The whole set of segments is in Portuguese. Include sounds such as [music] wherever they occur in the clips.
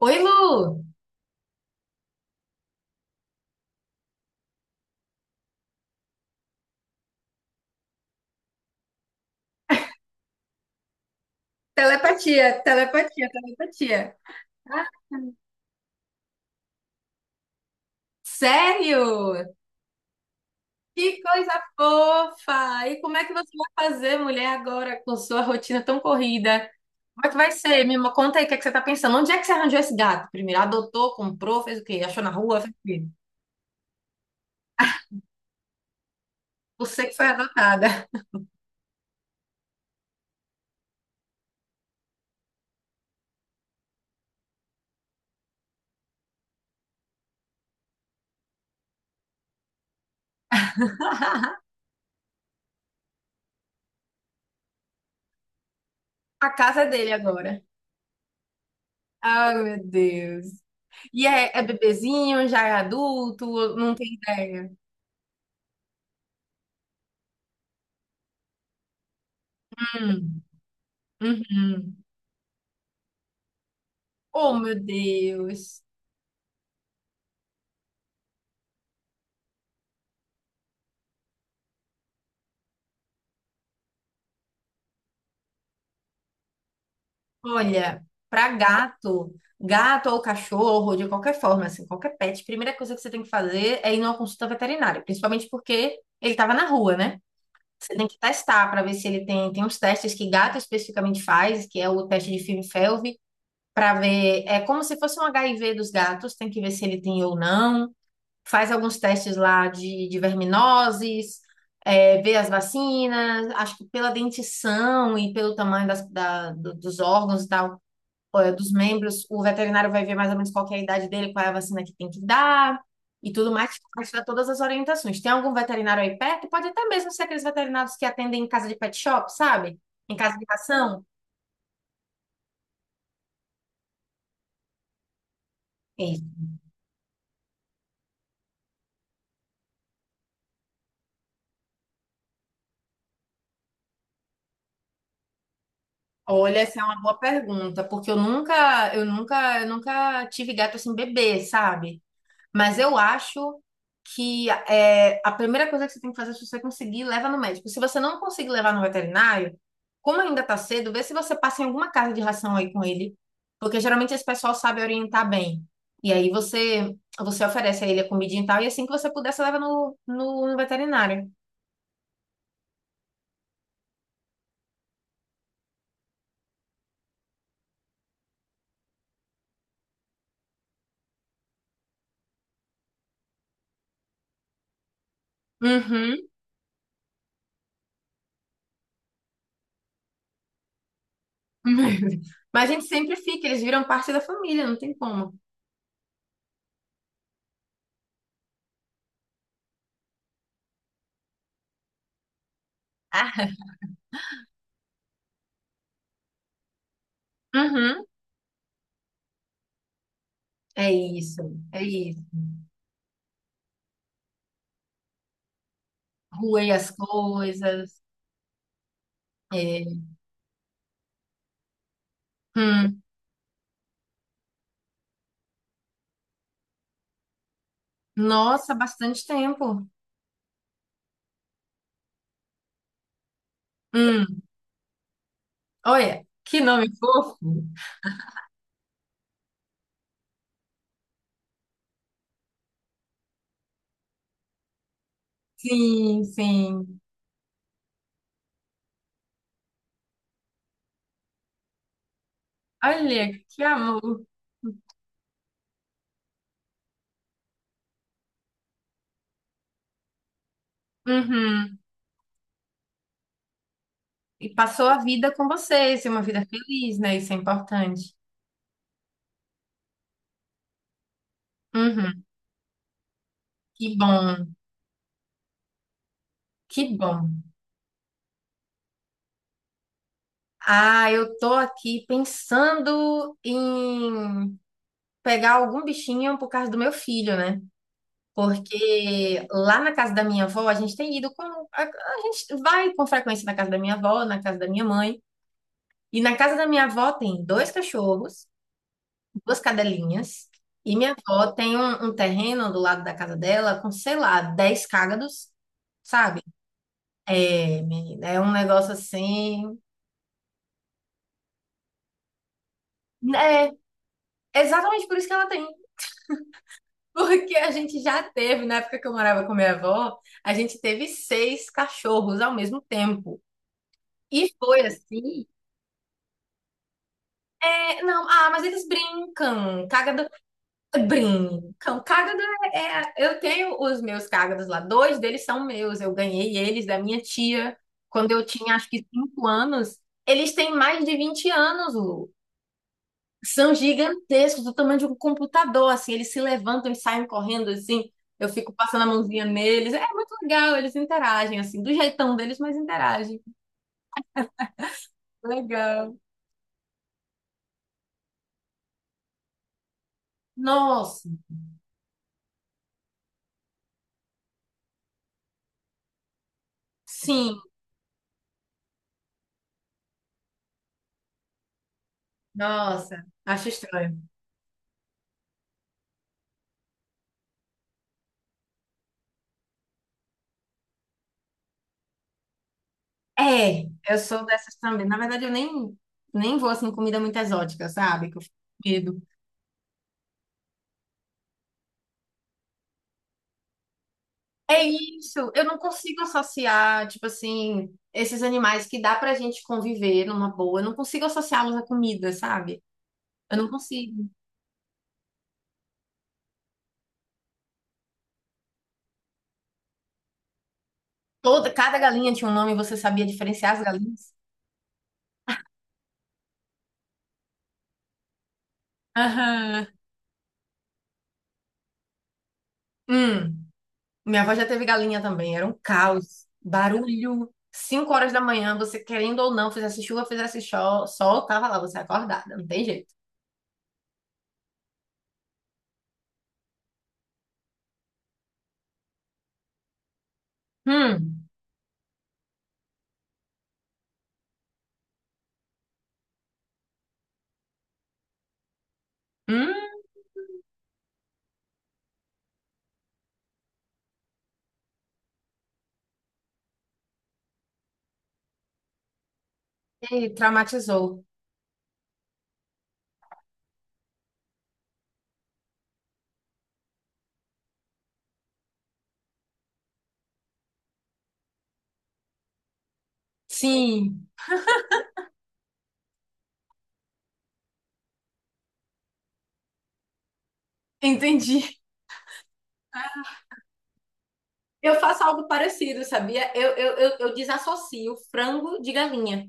Oi, Lu! Telepatia, telepatia, telepatia. Sério? Que coisa fofa! E como é que você vai fazer, mulher, agora com sua rotina tão corrida? Como é que vai ser? Conta aí o que é que você tá pensando. Onde é que você arranjou esse gato primeiro? Adotou, comprou, fez o quê? Achou na rua? Fez o quê? Você que foi adotada. [laughs] A casa é dele agora. Ai, meu Deus. E é bebezinho, já é adulto? Não tem ideia. Hum, uhum. Oh, meu Deus. Olha, para gato, gato ou cachorro, de qualquer forma, assim, qualquer pet, a primeira coisa que você tem que fazer é ir numa consulta veterinária, principalmente porque ele estava na rua, né? Você tem que testar para ver se ele tem, tem uns testes que gato especificamente faz, que é o teste de Klinefelter, para ver, é como se fosse um HIV dos gatos, tem que ver se ele tem ou não. Faz alguns testes lá de verminoses, ver as vacinas, acho que pela dentição e pelo tamanho dos órgãos e tal, dos membros. O veterinário vai ver mais ou menos qual que é a idade dele, qual é a vacina que tem que dar e tudo mais, vai te dar todas as orientações. Tem algum veterinário aí perto? Pode até mesmo ser aqueles veterinários que atendem em casa de pet shop, sabe? Em casa de ração. Isso. Olha, essa é uma boa pergunta, porque eu nunca tive gato assim bebê, sabe? Mas eu acho que a primeira coisa que você tem que fazer é, se você conseguir, leva no médico. Se você não conseguir levar no veterinário, como ainda está cedo, vê se você passa em alguma casa de ração aí com ele, porque geralmente esse pessoal sabe orientar bem. E aí você oferece a ele a comidinha e tal, e assim que você puder, você leva no veterinário. Uhum. [laughs] Mas a gente sempre fica, eles viram parte da família, não tem como. Ah, uhum. É isso, é isso. Ruei as coisas. É. Hum. Nossa, bastante tempo. Hum, Olha, que nome fofo. Sim, sim. Olha, que amor. Uhum. E passou a vida com vocês, e uma vida feliz, né? Isso é importante. Uhum. Que bom, que bom. Ah, eu tô aqui pensando em pegar algum bichinho por causa do meu filho, né? Porque lá na casa da minha avó, a gente tem ido com. A gente vai com frequência na casa da minha avó, na casa da minha mãe. E na casa da minha avó tem dois cachorros, duas cadelinhas, e minha avó tem um terreno do lado da casa dela com, sei lá, 10 cágados, sabe? É, menina, é um negócio assim. Né? É exatamente por isso que ela tem. [laughs] Porque a gente já teve, na época que eu morava com minha avó, a gente teve seis cachorros ao mesmo tempo. E foi assim. É, não, ah, mas eles brincam. Cágado. Brim, cágado é, é- Eu tenho os meus cágados lá, dois deles são meus, eu ganhei eles da minha tia quando eu tinha acho que 5 anos. Eles têm mais de 20 anos, Lu. São gigantescos, do tamanho de um computador, assim, eles se levantam e saem correndo, assim. Eu fico passando a mãozinha neles. É muito legal, eles interagem, assim, do jeitão deles, mas interagem. Legal. Nossa, sim, nossa, acho estranho. É, eu sou dessas também. Na verdade, eu nem vou assim, comida muito exótica, sabe? Que eu fico com medo. É isso, eu não consigo associar, tipo assim, esses animais que dá pra gente conviver numa boa. Eu não consigo associá-los à comida, sabe? Eu não consigo. Cada galinha tinha um nome, você sabia diferenciar as galinhas? Aham. Hum, Minha avó já teve galinha também, era um caos, barulho. 5 horas da manhã, você querendo ou não, fizesse chuva, fizesse sol, tava lá você acordada, não tem jeito. Hum. Hum, e traumatizou. Sim, [laughs] entendi. Eu faço algo parecido, sabia? Eu desassocio frango de galinha.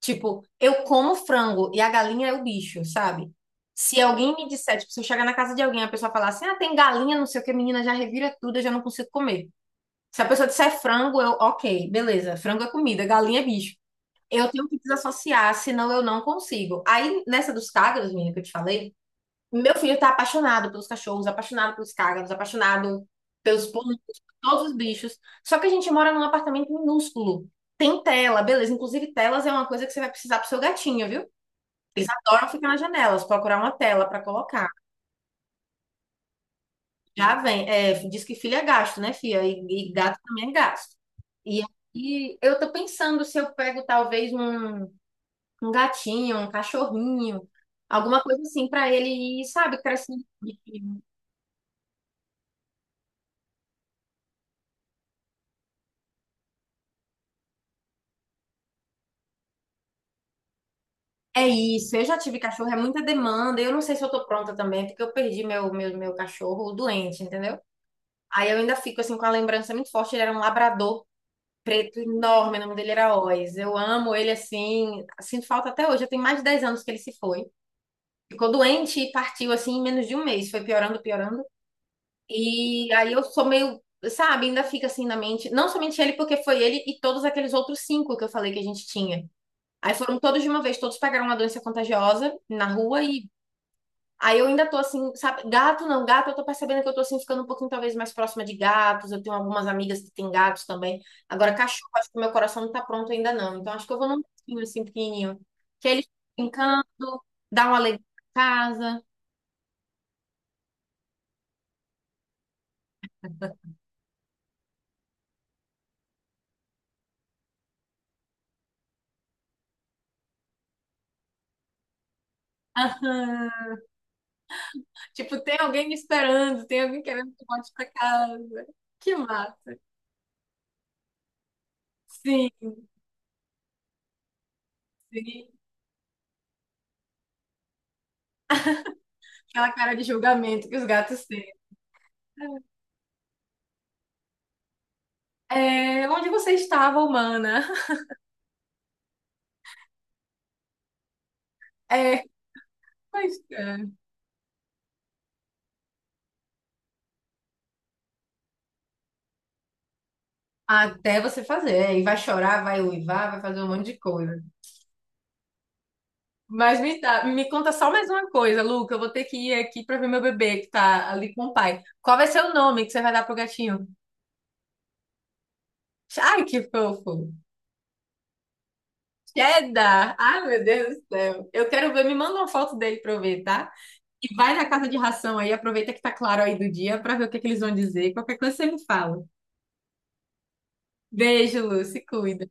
Tipo, eu como frango e a galinha é o bicho, sabe? Se alguém me disser, tipo, se eu chegar na casa de alguém, e a pessoa falar assim, ah, tem galinha, não sei o que, menina, já revira tudo, eu já não consigo comer. Se a pessoa disser frango, eu, ok, beleza, frango é comida, galinha é bicho. Eu tenho que desassociar, senão eu não consigo. Aí, nessa dos cagos, menina, que eu te falei, meu filho tá apaixonado pelos cachorros, apaixonado pelos cágados, apaixonado pelos pombos, todos os bichos. Só que a gente mora num apartamento minúsculo. Tem tela, beleza. Inclusive, telas é uma coisa que você vai precisar pro seu gatinho, viu? Eles adoram ficar nas janelas, procurar uma tela pra colocar. Já vem. É, diz que filho é gasto, né, filha? E gato também é gasto. E aí eu tô pensando se eu pego talvez um, gatinho, um cachorrinho, alguma coisa assim pra ele ir, sabe, crescendo. É isso, eu já tive cachorro, é muita demanda. Eu não sei se eu tô pronta também, é porque eu perdi meu cachorro doente, entendeu? Aí eu ainda fico assim com a lembrança muito forte. Ele era um labrador preto enorme, o nome dele era Oz. Eu amo ele assim, sinto falta até hoje. Já tem mais de 10 anos que ele se foi. Ficou doente e partiu assim em menos de um mês, foi piorando, piorando. E aí eu sou meio, sabe, ainda fica assim na mente, não somente ele, porque foi ele e todos aqueles outros cinco que eu falei que a gente tinha. Aí foram todos de uma vez, todos pegaram uma doença contagiosa na rua. E aí eu ainda tô assim, sabe? Gato não, gato, eu tô percebendo que eu tô assim ficando um pouquinho talvez mais próxima de gatos. Eu tenho algumas amigas que têm gatos também. Agora, cachorro, acho que meu coração não tá pronto ainda não. Então, acho que eu vou num gatinho assim pequenininho, que ele brincando dá uma alegria pra casa. Aham. Tipo, tem alguém me esperando, tem alguém querendo que eu volte pra casa. Que massa. Sim, sim. Aquela cara de julgamento que os gatos têm. É, onde você estava, humana? [laughs] É, pois é. Até você fazer. E vai chorar, vai uivar, vai fazer um monte de coisa. Mas me conta só mais uma coisa, Luca. Eu vou ter que ir aqui pra ver meu bebê que tá ali com o pai. Qual vai ser o nome que você vai dar pro gatinho? Ai, que fofo. Cheddar. Ai, meu Deus do céu. Eu quero ver. Me manda uma foto dele pra eu ver, tá? E vai na casa de ração aí. Aproveita que tá claro aí do dia pra ver o que que eles vão dizer. Qualquer coisa você me fala. Beijo, Lu. Se cuida.